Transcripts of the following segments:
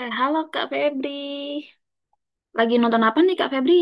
Eh, halo Kak Febri. Lagi nonton apa nih, Kak Febri?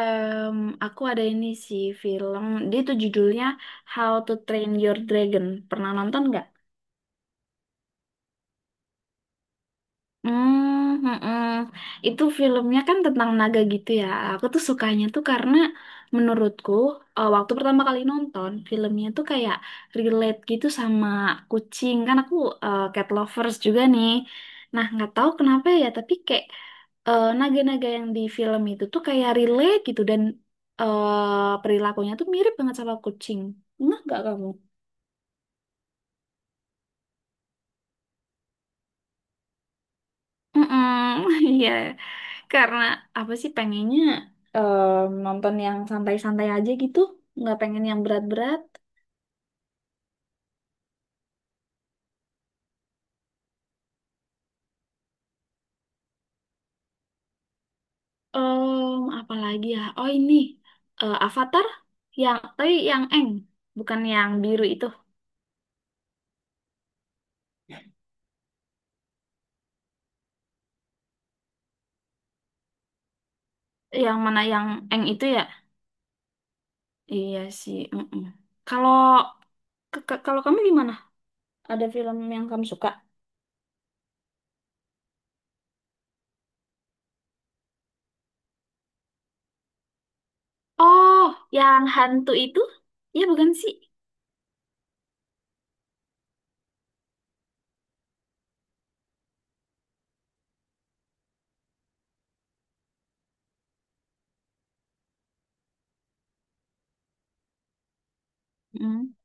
Em, aku ada ini sih film, dia tuh judulnya How to Train Your Dragon. Pernah nonton nggak? Hmm, mm-mm. Itu filmnya kan tentang naga gitu ya. Aku tuh sukanya tuh karena menurutku waktu pertama kali nonton filmnya tuh kayak relate gitu sama kucing. Kan aku cat lovers juga nih. Nah, nggak tahu kenapa ya, tapi kayak naga-naga yang di film itu tuh kayak relate gitu, dan perilakunya tuh mirip banget sama kucing. Enggak nggak kamu? Mm-mm, iya. Karena apa sih pengennya nonton yang santai-santai aja gitu, nggak pengen yang berat-berat. Apalagi ya? Oh ini Avatar, yang tapi yang Eng, bukan yang biru itu. Yang mana yang Eng itu ya? Iya sih. Mm-mm. Kalau kalau kamu gimana? Ada film yang kamu suka? Oh, yang hantu itu? Iya, bukan sih? Mm.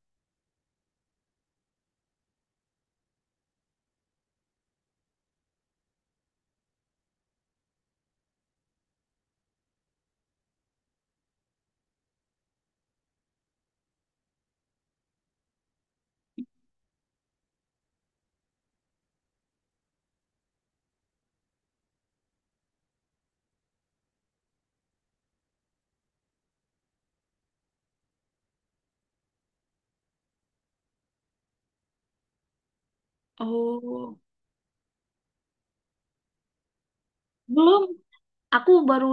Oh, belum. Aku baru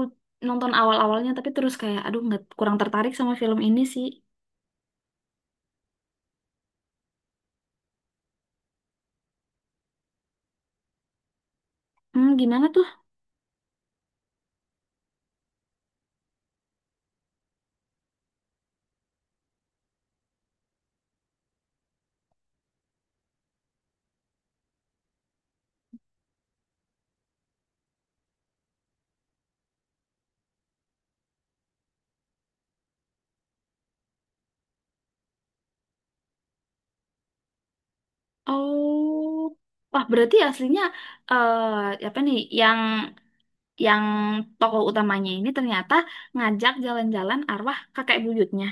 nonton awal-awalnya, tapi terus kayak aduh nggak kurang tertarik sama film ini sih. Hmm, gimana tuh? Oh, wah berarti aslinya apa nih yang tokoh utamanya ini ternyata ngajak jalan-jalan arwah kakek buyutnya.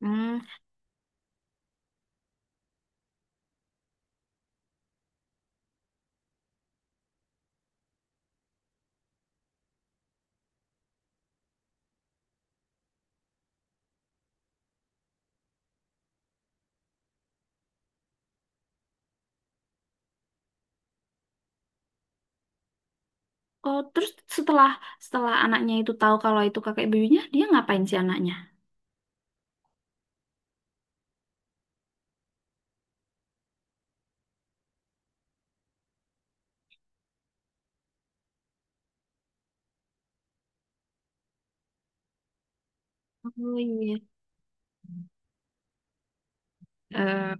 Hmm. Oh, terus setelah setelah anaknya itu tahu kalau itu kakek buyutnya, dia ngapain si anaknya? Oh iya. Eh,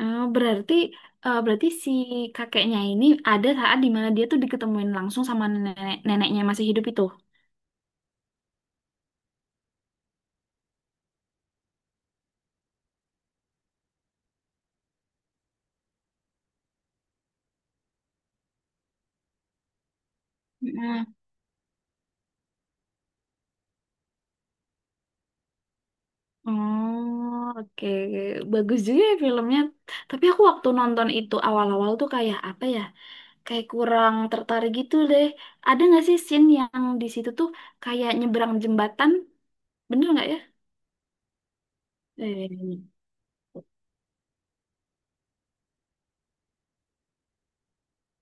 Oh, berarti eh, berarti si kakeknya ini ada saat di mana dia tuh diketemuin langsung sama nenek neneknya masih hidup itu. Mm. Oh, oke. Bagus juga ya filmnya. Tapi aku waktu nonton itu awal-awal tuh kayak apa ya? Kayak kurang tertarik gitu deh. Ada nggak sih scene yang di situ tuh kayak nyebrang jembatan? Bener nggak ya? Eh,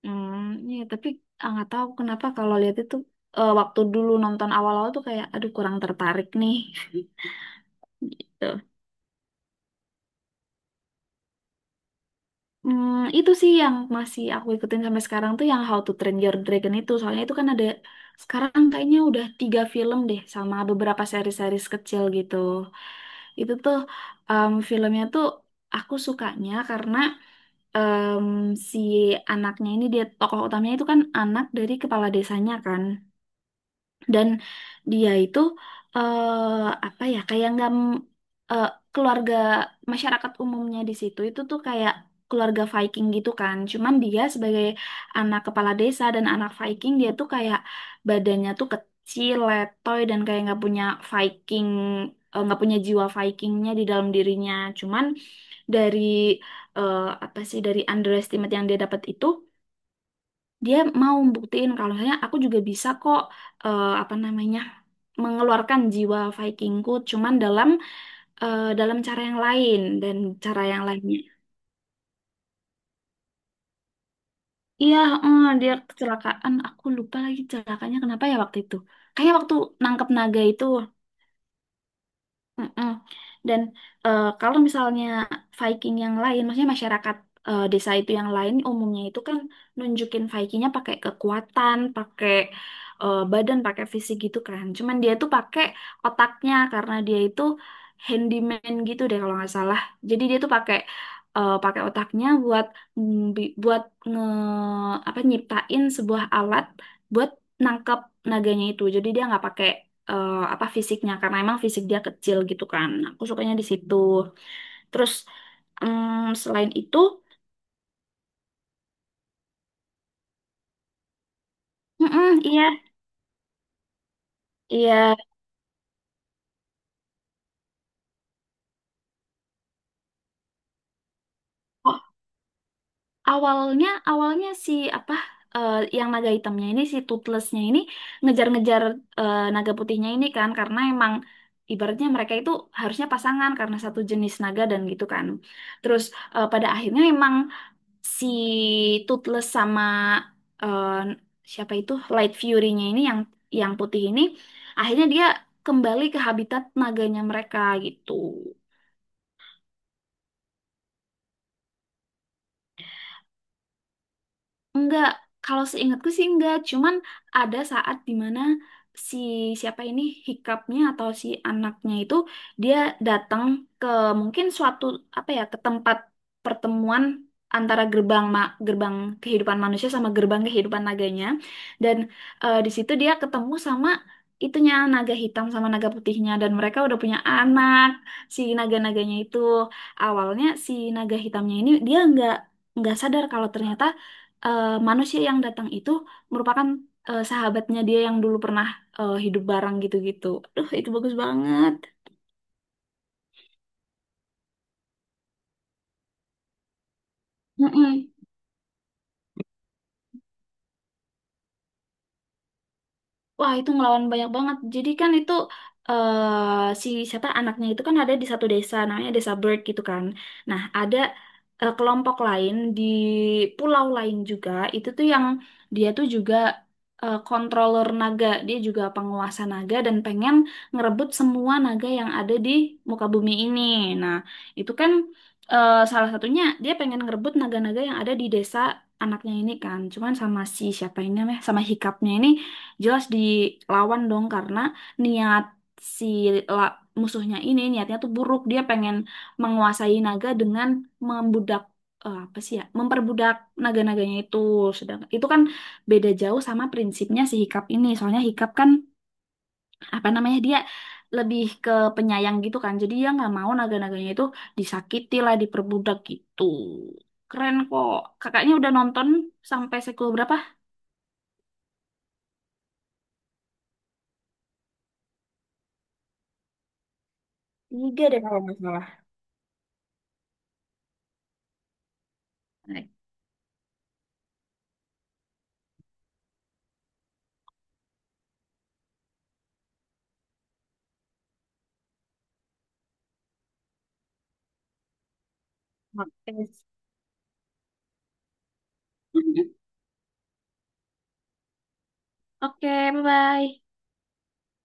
ya, tapi ah, nggak tahu kenapa kalau lihat itu waktu dulu nonton awal-awal tuh kayak aduh kurang tertarik nih. Gitu. Hmm, itu sih yang masih aku ikutin sampai sekarang tuh yang How to Train Your Dragon itu. Soalnya itu kan ada sekarang kayaknya udah tiga film deh sama beberapa seri-series kecil gitu. Itu tuh filmnya tuh aku sukanya karena em, si anaknya ini dia tokoh utamanya itu kan anak dari kepala desanya kan. Dan dia itu eh, apa ya, kayak nggak eh, keluarga masyarakat umumnya di situ itu tuh kayak keluarga Viking gitu kan, cuman dia sebagai anak kepala desa dan anak Viking dia tuh kayak badannya tuh kecil letoy dan kayak nggak punya Viking nggak punya jiwa Vikingnya di dalam dirinya, cuman dari eh, apa sih dari underestimate yang dia dapat itu dia mau buktiin kalau misalnya aku juga bisa kok apa namanya mengeluarkan jiwa Vikingku cuman dalam cara yang lain dan cara yang lainnya. Iya, dia kecelakaan. Aku lupa lagi celakanya kenapa ya waktu itu. Kayak waktu nangkep naga itu. Mm-mm. Dan kalau misalnya Viking yang lain, maksudnya masyarakat desa itu yang lain, umumnya itu kan nunjukin Vikingnya pakai kekuatan, pakai badan, pakai fisik gitu kan. Cuman dia tuh pakai otaknya karena dia itu handyman gitu deh kalau nggak salah. Jadi dia tuh pakai otaknya buat ngbi- buat nge apa nyiptain sebuah alat buat nangkep naganya itu. Jadi dia nggak pakai apa fisiknya karena emang fisik dia kecil gitu kan. Aku sukanya di situ. Terus selain itu, mm-mm, iya, iya. Oh, awalnya awalnya si apa eh, yang naga hitamnya ini si Toothlessnya ini ngejar-ngejar naga putihnya ini kan karena emang ibaratnya mereka itu harusnya pasangan karena satu jenis naga dan gitu kan. Terus pada akhirnya emang si Toothless sama eh, siapa itu Light Fury-nya ini yang putih ini akhirnya dia kembali ke habitat naganya mereka gitu. Enggak, kalau seingatku sih enggak. Cuman ada saat dimana si siapa ini hikapnya atau si anaknya itu dia datang ke mungkin suatu apa ya ke tempat pertemuan antara gerbang gerbang kehidupan manusia sama gerbang kehidupan naganya, dan di situ dia ketemu sama itunya naga hitam sama naga putihnya dan mereka udah punya anak si naga-naganya itu. Awalnya si naga hitamnya ini dia enggak nggak sadar kalau ternyata manusia yang datang itu merupakan sahabatnya dia yang dulu pernah hidup bareng gitu-gitu. Aduh, itu bagus banget. Mm-mm. Wah, itu ngelawan banyak banget. Jadi kan itu eh si siapa anaknya itu kan ada di satu desa namanya Desa Bird gitu kan. Nah, ada kelompok lain di pulau lain juga itu tuh yang dia tuh juga controller naga. Dia juga penguasa naga dan pengen ngerebut semua naga yang ada di muka bumi ini. Nah, itu kan salah satunya dia pengen ngerebut naga-naga yang ada di desa anaknya ini kan. Cuman sama si siapa ini namanya sama hikapnya ini jelas dilawan dong karena niat si la- musuhnya ini niatnya tuh buruk, dia pengen menguasai naga dengan membudak apa sih ya memperbudak naga-naganya itu, sedangkan itu kan beda jauh sama prinsipnya si Hikap ini. Soalnya Hikap kan apa namanya dia lebih ke penyayang gitu kan, jadi dia nggak mau naga-naganya itu disakiti lah, diperbudak gitu. Keren kok. Kakaknya udah nonton sampai sekul berapa? Tiga deh kalau nggak salah. Nah. Oke, oke, bye-bye.